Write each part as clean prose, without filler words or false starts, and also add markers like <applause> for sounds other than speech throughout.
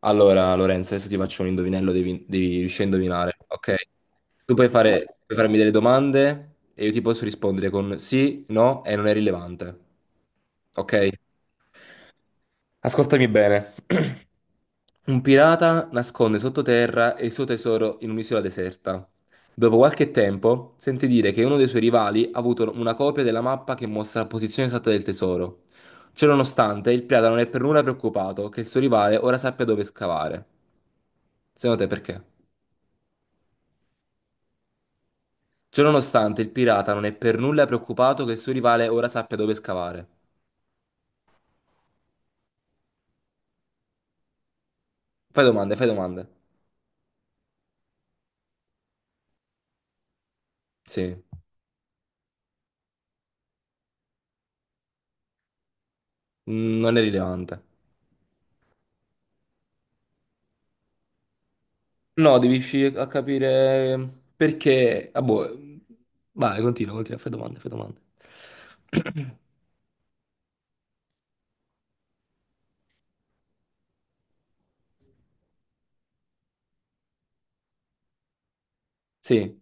Allora, Lorenzo, adesso ti faccio un indovinello, devi riuscire a indovinare, ok? Tu puoi puoi farmi delle domande e io ti posso rispondere con sì, no e non è rilevante, ok? Ascoltami bene. <clears throat> Un pirata nasconde sottoterra il suo tesoro in un'isola deserta. Dopo qualche tempo, sente dire che uno dei suoi rivali ha avuto una copia della mappa che mostra la posizione esatta del tesoro. Ciononostante, il pirata non è per nulla preoccupato che il suo rivale ora sappia dove scavare. Secondo te perché? Ciononostante, il pirata non è per nulla preoccupato che il suo rivale ora sappia dove scavare. Fai domande, fai domande. Sì. Mm, non è rilevante. No, devi riuscire a capire perché... Ah, boh. Vai, continua, continua, fai domande, fai domande. <coughs> Sì,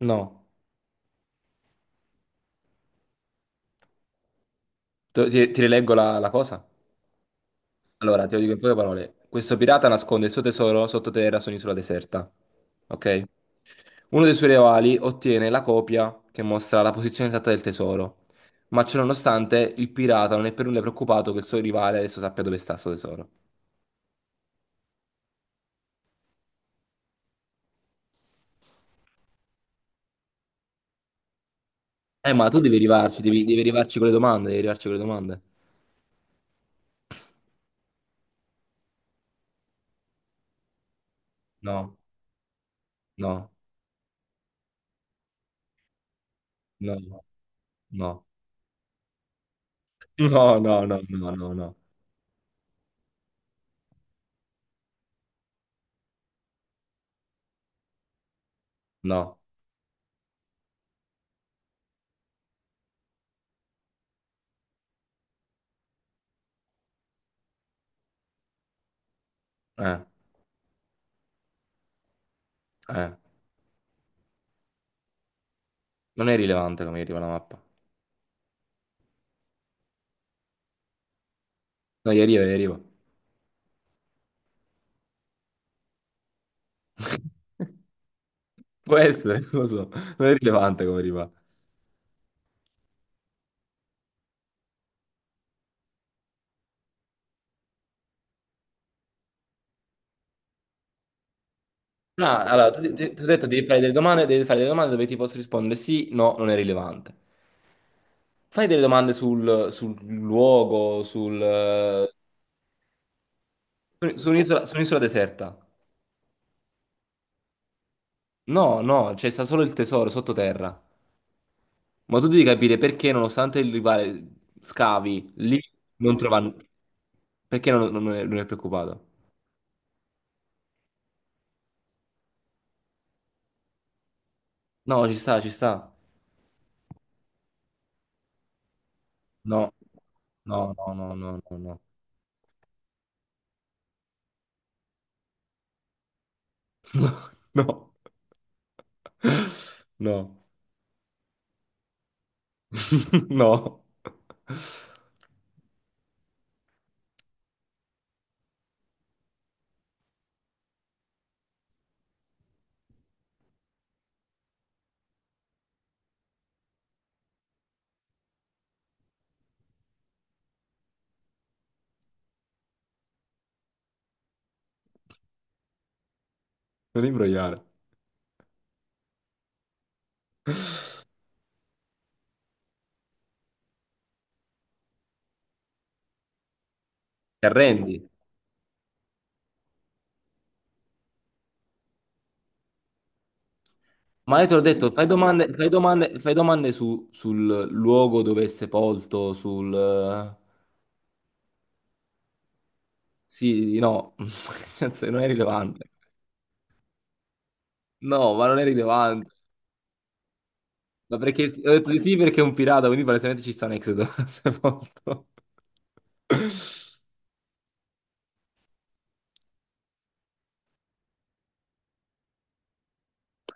no. Ti rileggo la cosa? Allora, te lo dico in poche parole. Questo pirata nasconde il suo tesoro sottoterra su un'isola deserta. Ok? Uno dei suoi rivali ottiene la copia che mostra la posizione esatta del tesoro. Ma ciononostante, il pirata non è per nulla preoccupato che il suo rivale adesso sappia dove sta il suo tesoro. Ma tu devi arrivarci, devi arrivarci con le domande, devi arrivarci con le domande. No. No, no, no, no, no, no, no, no, no, no, eh, eh, non è rilevante come arriva la mappa. No, gli arriva, gli arriva. <laughs> Può essere, non lo so, non è rilevante come arriva. No, allora, ti ho detto devi fare delle domande, devi fare delle domande dove ti posso rispondere sì, no, non è rilevante. Fai delle domande sul luogo, su su un'isola deserta. No, no, c'è sta solo il tesoro sottoterra. Ma tu devi capire perché, nonostante il rivale scavi, lì non trovano. Perché non è, non è preoccupato? No, ci sta, ci sta. No, no, no, no, no, no, no. <laughs> No, no, <laughs> no. Non imbrogliare. Ti arrendi? Ma io te l'ho detto, fai domande, fai domande, fai domande sul luogo dove è sepolto, sul... sì, no, <laughs> nel senso, non è rilevante. No, ma non è rilevante. Ma perché ho detto di sì perché è un pirata, quindi palesemente ci sta un Exodus <laughs> sepolto.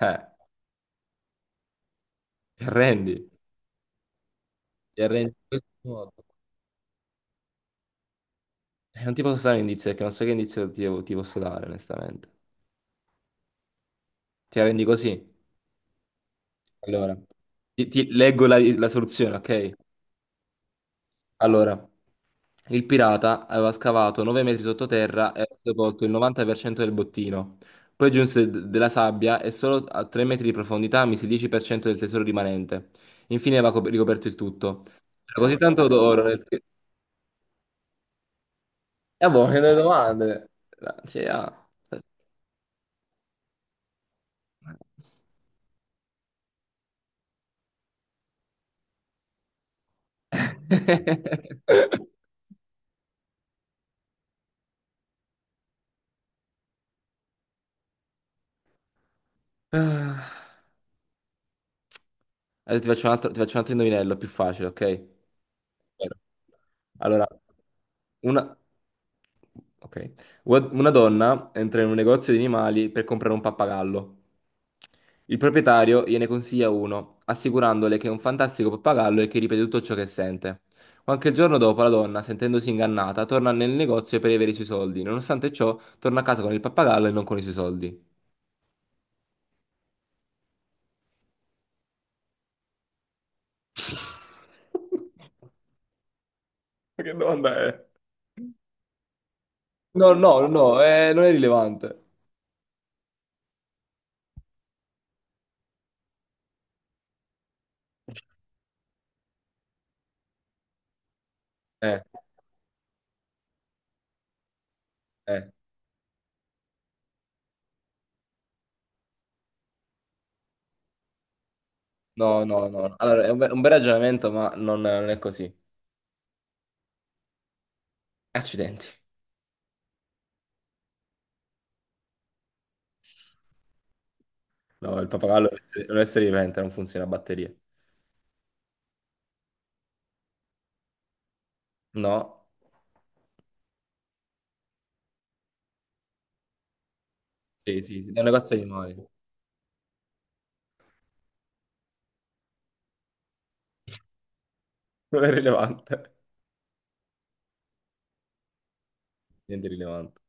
Eh, ti arrendi, ti arrendi in questo modo. Non ti posso dare un indizio perché non so che indizio ti posso dare, onestamente. Ti arrendi così? Allora, ti leggo la soluzione, ok? Allora, il pirata aveva scavato 9 metri sottoterra e aveva sepolto il 90% del bottino. Poi giunse della sabbia e solo a 3 metri di profondità mise il 10% del tesoro rimanente. Infine aveva ricoperto il tutto. C'era ah, così tanto vabbè. D'oro nel... E boh, che delle domande! Cioè, ah. <laughs> Adesso ti faccio un altro, ti faccio un altro indovinello più facile, ok? Vero. Allora, una... ok. Una donna entra in un negozio di animali per comprare un pappagallo. Il proprietario gliene consiglia uno, assicurandole che è un fantastico pappagallo e che ripete tutto ciò che sente. Qualche giorno dopo, la donna, sentendosi ingannata, torna nel negozio per avere i suoi soldi. Nonostante ciò, torna a casa con il pappagallo e non con i suoi soldi. <laughs> Ma che domanda è? No, no, no, non è rilevante. Eh, eh. No, no, no. Allora, è un bel ragionamento, ma non, non è così. Accidenti. No, il papagallo è un essere vivente, non funziona a batterie. No? Sì, sì, sì. È un negozio di animali. Non è rilevante. Niente rilevante.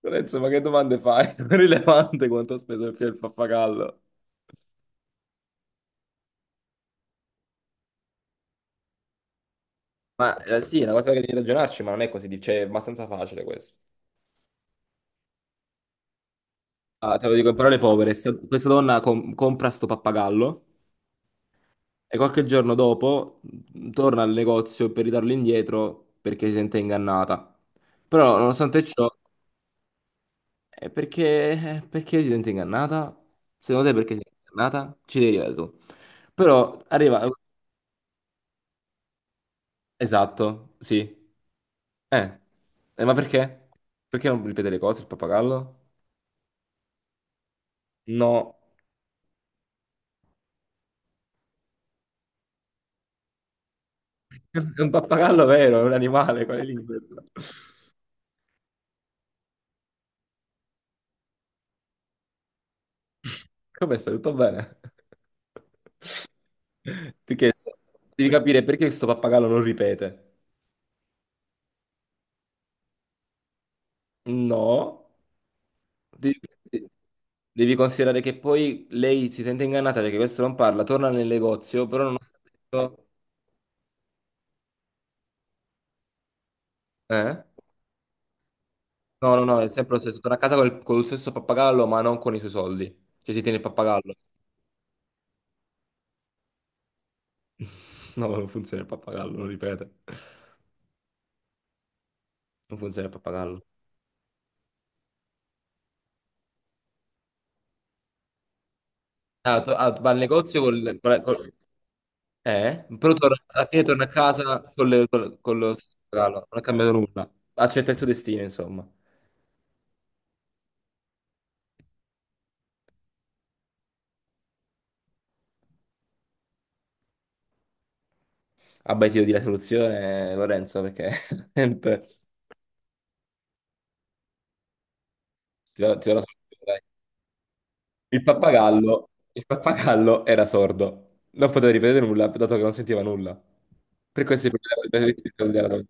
Lorenzo, ma che domande fai? <laughs> Non è rilevante quanto ha speso il pappagallo. Ma sì, è una cosa che devi ragionarci, ma non è così, cioè, è abbastanza facile questo. Ah, te lo dico in parole povere, questa donna compra sto pappagallo. E qualche giorno dopo torna al negozio per ridarlo indietro perché si sente ingannata. Però, nonostante ciò, perché si sente ingannata? Secondo te perché si sente ingannata? Ci devi arrivare tu. Però arriva... Esatto, sì. Eh, eh, ma perché? Perché non ripete le cose il pappagallo? No. <laughs> È un pappagallo vero, è un animale, quale lingua? Come stai? Tutto bene? Ti chiesto, devi capire perché questo pappagallo non ripete. No, devi, devi considerare che poi lei si sente ingannata perché questo non parla, torna nel negozio, però non... Eh? No, no, no, è sempre lo stesso. Torna a casa col, con lo stesso pappagallo, ma non con i suoi soldi. Cioè si tiene il pappagallo. <laughs> No, non funziona il pappagallo, non ripete. Non funziona il pappagallo. Ah, va al negozio eh? Però alla fine torna a casa con, con lo stesso regalo, non è cambiato nulla. Accetta il suo destino, insomma. Abbaiti di la soluzione, Lorenzo, perché <laughs> niente, ti do la soluzione. Dai. Il pappagallo era sordo, non poteva ripetere nulla, dato che non sentiva nulla. Per questo il problema